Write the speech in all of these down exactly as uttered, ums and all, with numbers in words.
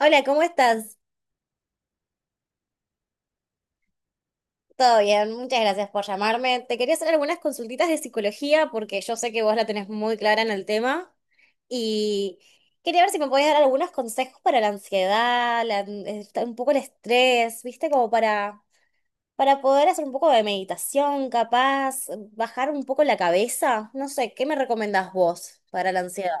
Hola, ¿cómo estás? Todo bien, muchas gracias por llamarme. Te quería hacer algunas consultitas de psicología porque yo sé que vos la tenés muy clara en el tema y quería ver si me podías dar algunos consejos para la ansiedad, la- esta- un poco el estrés, ¿viste? Como para, para poder hacer un poco de meditación, capaz, bajar un poco la cabeza. No sé, ¿qué me recomendás vos para la ansiedad?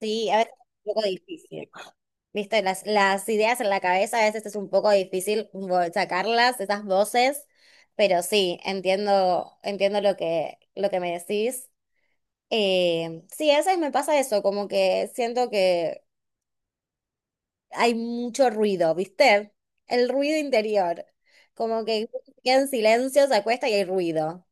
Sí, a veces es un poco difícil. Viste, las, las ideas en la cabeza a veces es un poco difícil vo- sacarlas, esas voces, pero sí, entiendo, entiendo lo que, lo que me decís. Eh, sí, a veces me pasa eso, como que siento que hay mucho ruido, ¿viste? El ruido interior, como que queda en silencio, se acuesta y hay ruido.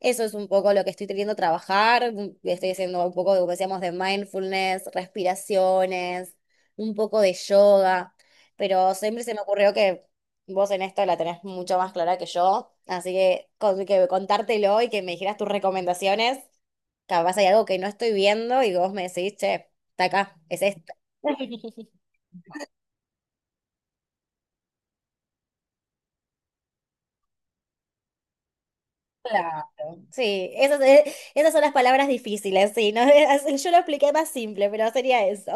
Eso es un poco lo que estoy queriendo trabajar. un- Estoy haciendo un poco de, como decíamos, de mindfulness, respiraciones, un poco de yoga. Pero siempre se me ocurrió que vos en esto la tenés mucho más clara que yo. Así que, con, que contártelo y que me dijeras tus recomendaciones. Capaz hay algo que no estoy viendo y vos me decís, che, está acá, es esta. Claro. Sí, esas, eh, esas son las palabras difíciles, sí, ¿no? Yo lo expliqué más simple, pero sería eso.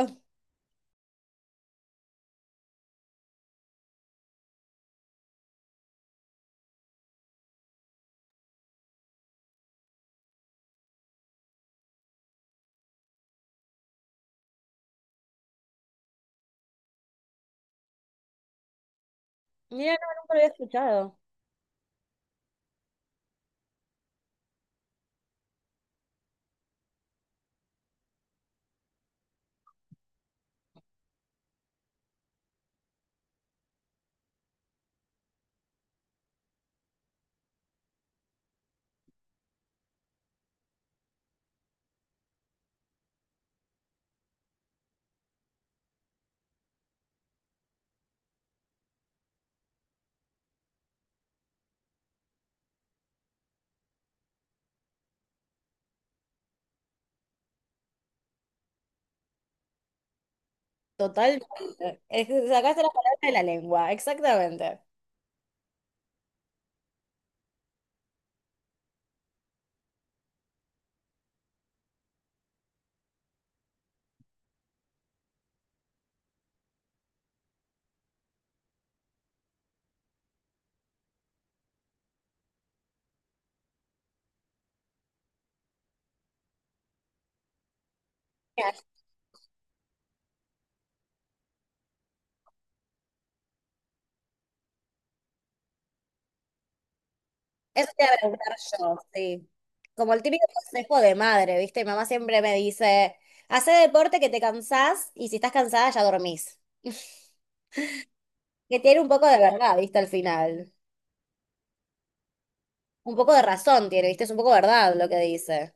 Mira, no, nunca lo había escuchado. Totalmente. Es que sacaste la palabra de la lengua, exactamente. Mira, eso te voy a preguntar yo, sí. Como el típico consejo de madre, ¿viste? Mi mamá siempre me dice, hace deporte que te cansás y si estás cansada ya dormís. Que tiene un poco de verdad, ¿viste? Al final. Un poco de razón tiene, ¿viste? Es un poco verdad lo que dice.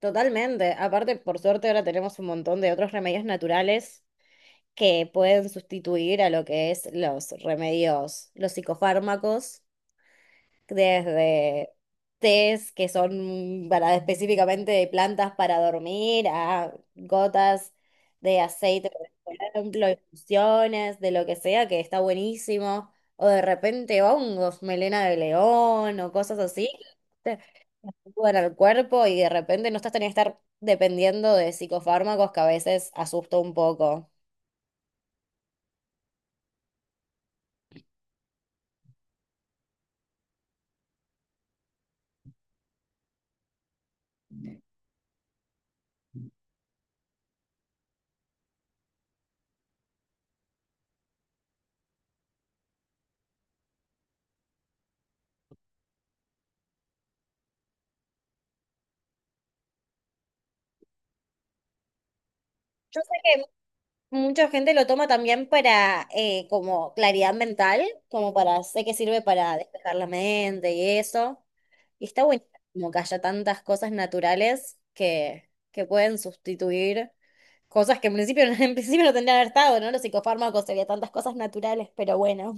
Totalmente. Aparte, por suerte ahora tenemos un montón de otros remedios naturales que pueden sustituir a lo que es los remedios, los psicofármacos. Desde tés que son para específicamente de plantas para dormir, a gotas de aceite, por ejemplo, infusiones, de lo que sea, que está buenísimo, o de repente hongos, melena de león o cosas así, que te ayudan al cuerpo y de repente no estás teniendo que estar dependiendo de psicofármacos que a veces asusta un poco. Yo sé mucha gente lo toma también para eh, como claridad mental, como para, sé que sirve para despejar la mente y eso. Y está bueno como que haya tantas cosas naturales que, que pueden sustituir cosas que en principio, en principio no tendrían que haber estado, ¿no? Los psicofármacos serían tantas cosas naturales, pero bueno.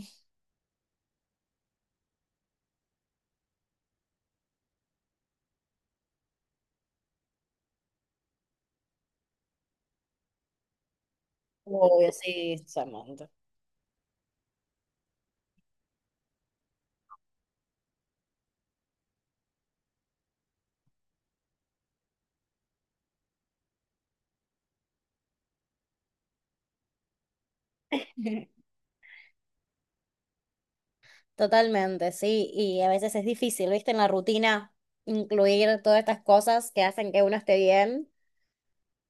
Obvio, sí, Samantha. Totalmente, sí. Y a veces es difícil, ¿viste? En la rutina incluir todas estas cosas que hacen que uno esté bien.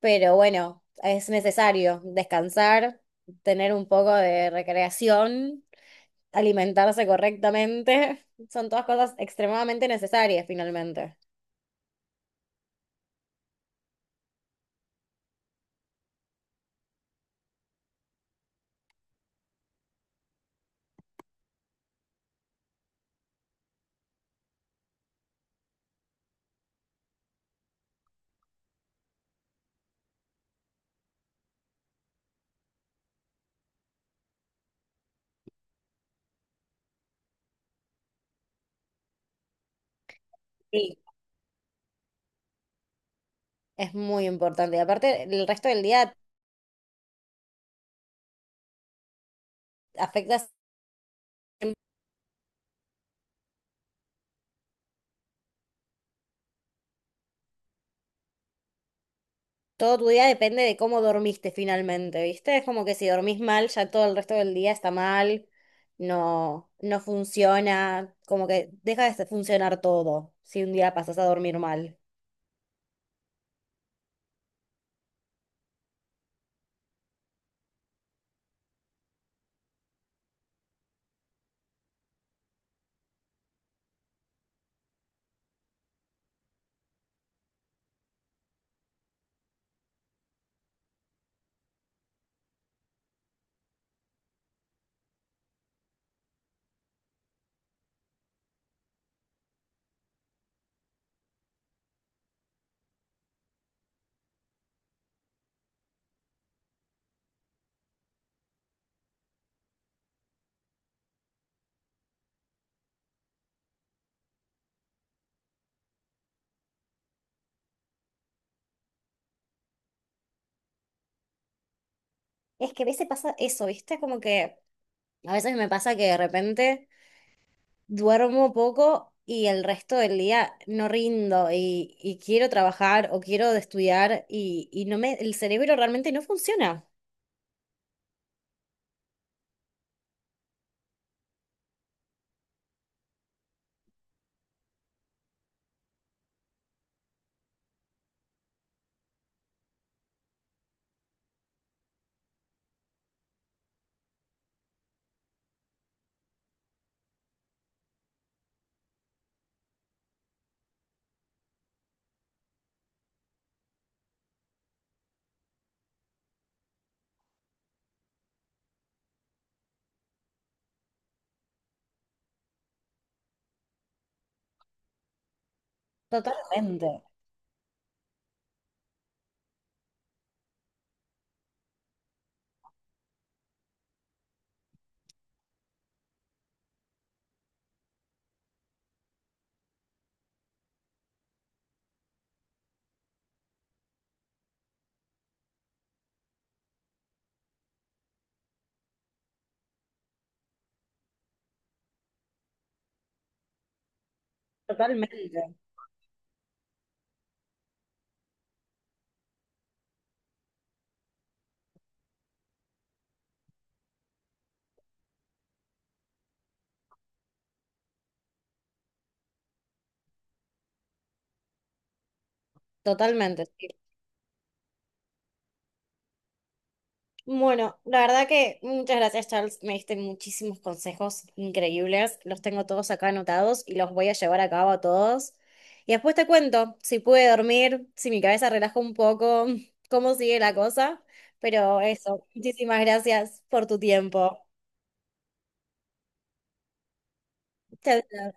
Pero bueno, es necesario descansar, tener un poco de recreación, alimentarse correctamente. Son todas cosas extremadamente necesarias finalmente. Sí. Es muy importante. Y aparte, el resto del día afecta, todo tu día depende de cómo dormiste finalmente, ¿viste? Es como que si dormís mal, ya todo el resto del día está mal, no, no funciona, como que deja de funcionar todo si un día pasas a dormir mal. Es que a veces pasa eso, ¿viste? Como que a veces me pasa que de repente duermo poco y el resto del día no rindo y, y quiero trabajar o quiero estudiar y, y no me, el cerebro realmente no funciona. Totalmente, totalmente, Totalmente. Bueno, la verdad que muchas gracias, Charles. Me diste muchísimos consejos increíbles. Los tengo todos acá anotados y los voy a llevar a cabo a todos. Y después te cuento si pude dormir, si mi cabeza relaja un poco, cómo sigue la cosa. Pero eso, muchísimas gracias por tu tiempo. Chao.